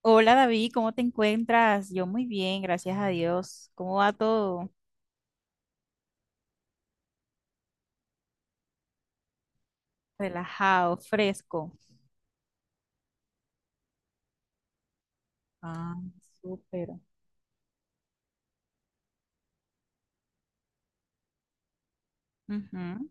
Hola David, ¿cómo te encuentras? Yo muy bien, gracias a Dios. ¿Cómo va todo? Relajado, fresco. Ah, súper. Ujú.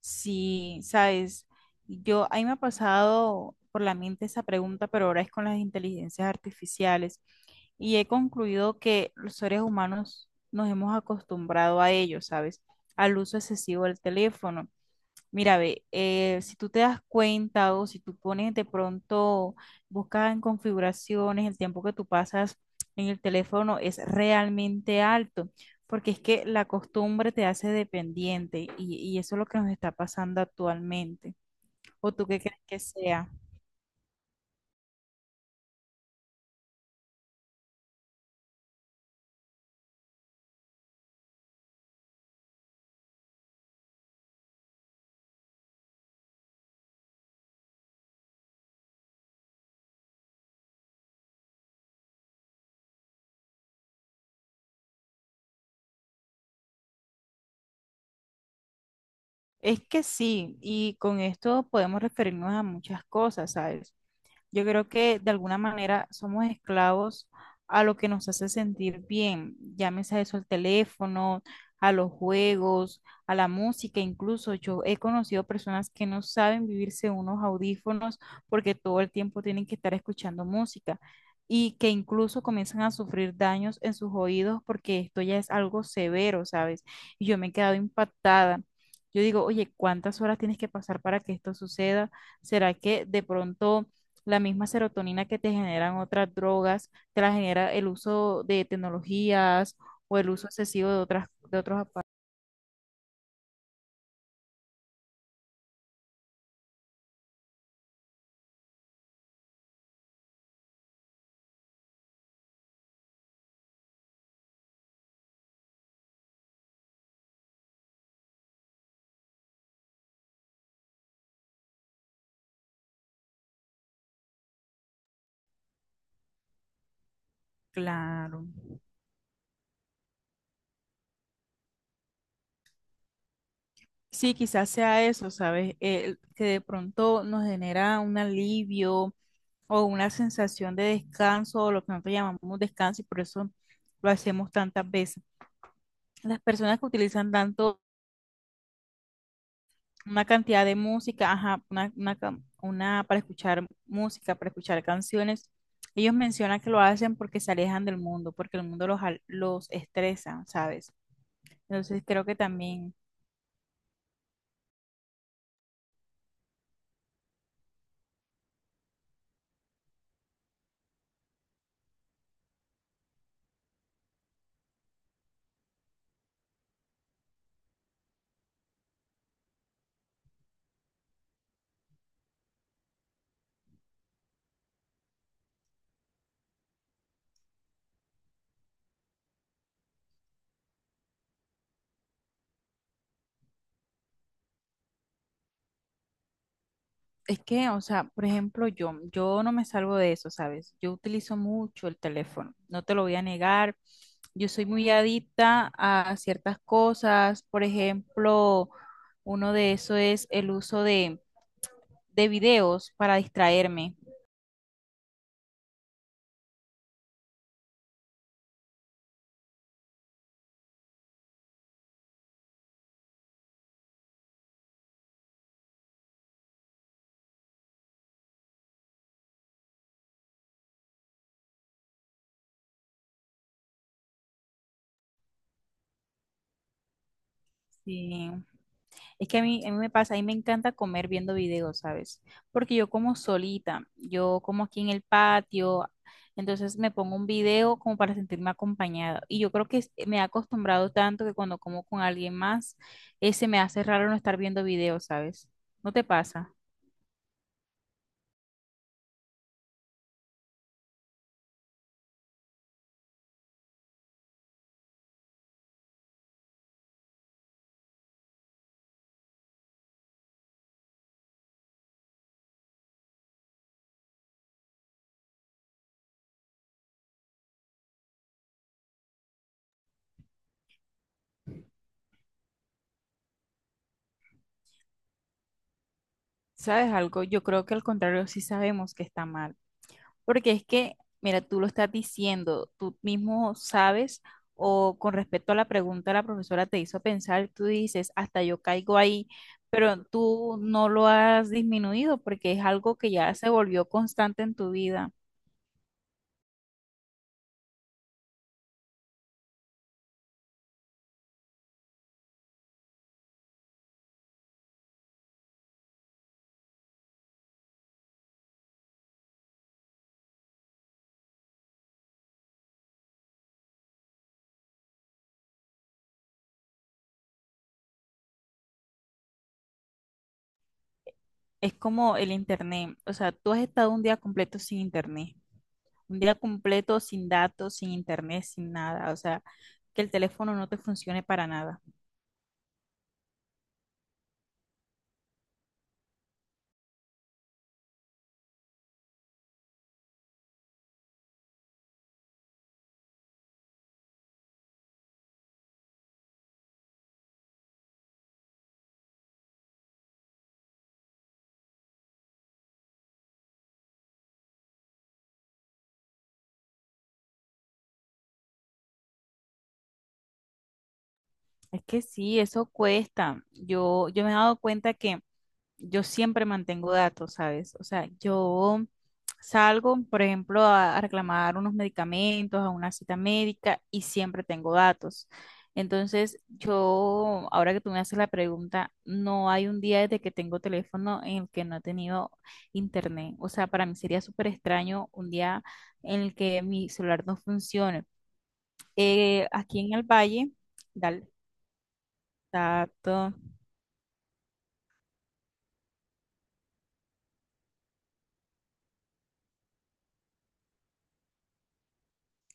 Sí, sabes, yo ahí me ha pasado por la mente esa pregunta, pero ahora es con las inteligencias artificiales y he concluido que los seres humanos nos hemos acostumbrado a ello, ¿sabes? Al uso excesivo del teléfono. Mira, ve, si tú te das cuenta o si tú pones de pronto, buscas en configuraciones, el tiempo que tú pasas en el teléfono es realmente alto, porque es que la costumbre te hace dependiente y eso es lo que nos está pasando actualmente. ¿O tú qué crees que sea? Es que sí, y con esto podemos referirnos a muchas cosas, ¿sabes? Yo creo que de alguna manera somos esclavos a lo que nos hace sentir bien, llámese a eso al teléfono, a los juegos, a la música, incluso yo he conocido personas que no saben vivirse unos audífonos porque todo el tiempo tienen que estar escuchando música y que incluso comienzan a sufrir daños en sus oídos porque esto ya es algo severo, ¿sabes? Y yo me he quedado impactada. Yo digo, oye, ¿cuántas horas tienes que pasar para que esto suceda? ¿Será que de pronto la misma serotonina que te generan otras drogas, te la genera el uso de tecnologías o el uso excesivo de otras, de otros aparatos. Claro. Sí, quizás sea eso, ¿sabes? El que de pronto nos genera un alivio o una sensación de descanso, o lo que nosotros llamamos descanso, y por eso lo hacemos tantas veces. Las personas que utilizan tanto una cantidad de música, ajá, una para escuchar música, para escuchar canciones. Ellos mencionan que lo hacen porque se alejan del mundo, porque el mundo los, los estresa, ¿sabes? Entonces creo que también, o sea, por ejemplo, yo no me salvo de eso, ¿sabes? Yo utilizo mucho el teléfono, no te lo voy a negar. Yo soy muy adicta a ciertas cosas, por ejemplo, uno de eso es el uso de videos para distraerme. Sí. Es que a mí me pasa, a mí me encanta comer viendo videos, ¿sabes? Porque yo como solita, yo como aquí en el patio, entonces me pongo un video como para sentirme acompañada. Y yo creo que me he acostumbrado tanto que cuando como con alguien más, se me hace raro no estar viendo videos, ¿sabes? ¿No te pasa? ¿Sabes algo? Yo creo que al contrario sí sabemos que está mal. Porque es que, mira, tú lo estás diciendo, tú mismo sabes, o con respecto a la pregunta, la profesora te hizo pensar, tú dices, hasta yo caigo ahí, pero tú no lo has disminuido porque es algo que ya se volvió constante en tu vida. Es como el internet, o sea, tú has estado un día completo sin internet, un día completo sin datos, sin internet, sin nada, o sea, que el teléfono no te funcione para nada. Es que sí, eso cuesta. Yo me he dado cuenta que yo siempre mantengo datos, ¿sabes? O sea, yo salgo, por ejemplo, a reclamar unos medicamentos, a una cita médica y siempre tengo datos. Entonces, yo, ahora que tú me haces la pregunta, no hay un día desde que tengo teléfono en el que no he tenido internet. O sea, para mí sería súper extraño un día en el que mi celular no funcione. Aquí en el Valle, dale, dato.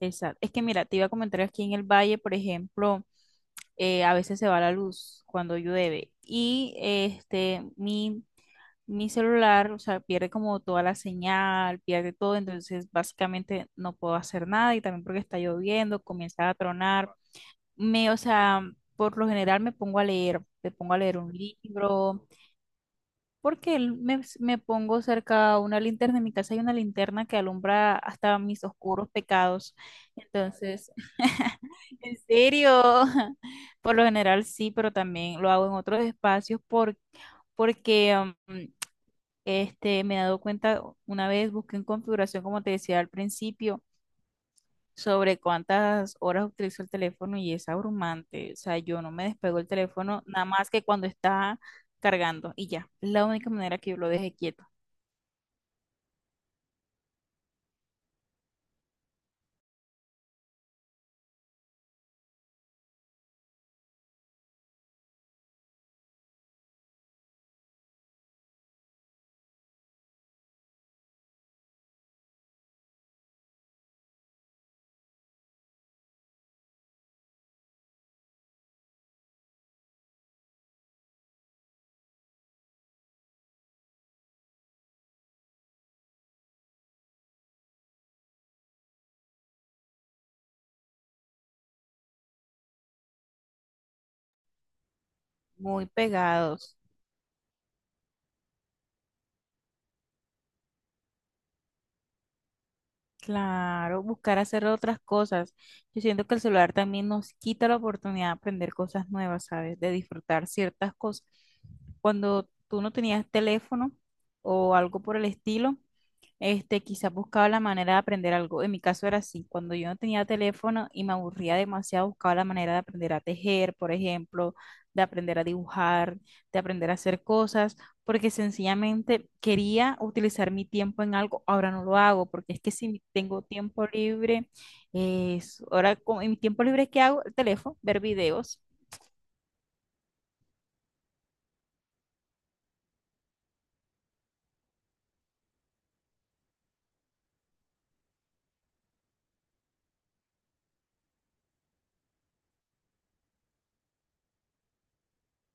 Exacto. Es que mira, te iba a comentar aquí en el valle, por ejemplo, a veces se va la luz cuando llueve y mi celular, o sea, pierde como toda la señal, pierde todo, entonces básicamente no puedo hacer nada y también porque está lloviendo, comienza a tronar. Me, o sea, por lo general me pongo a leer, me pongo a leer un libro, porque me pongo cerca a una linterna. En mi casa hay una linterna que alumbra hasta mis oscuros pecados. Entonces, en serio, por lo general sí, pero también lo hago en otros espacios porque um, este, me he dado cuenta, una vez busqué en configuración, como te decía al principio, sobre cuántas horas utilizo el teléfono y es abrumante. O sea, yo no me despego el teléfono nada más que cuando está cargando y ya. Es la única manera que yo lo deje quieto. Muy pegados. Claro, buscar hacer otras cosas. Yo siento que el celular también nos quita la oportunidad de aprender cosas nuevas, ¿sabes? De disfrutar ciertas cosas. Cuando tú no tenías teléfono o algo por el estilo, este, quizás buscaba la manera de aprender algo. En mi caso era así. Cuando yo no tenía teléfono y me aburría demasiado, buscaba la manera de aprender a tejer, por ejemplo, de aprender a dibujar, de aprender a hacer cosas porque sencillamente quería utilizar mi tiempo en algo, ahora no lo hago, porque es que si tengo tiempo libre, es, ahora con en mi tiempo libre, ¿qué hago? El teléfono, ver videos.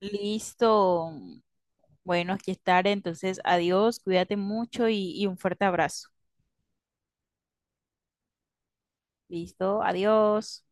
Listo. Bueno, aquí estaré. Entonces, adiós, cuídate mucho y un fuerte abrazo. Listo, adiós.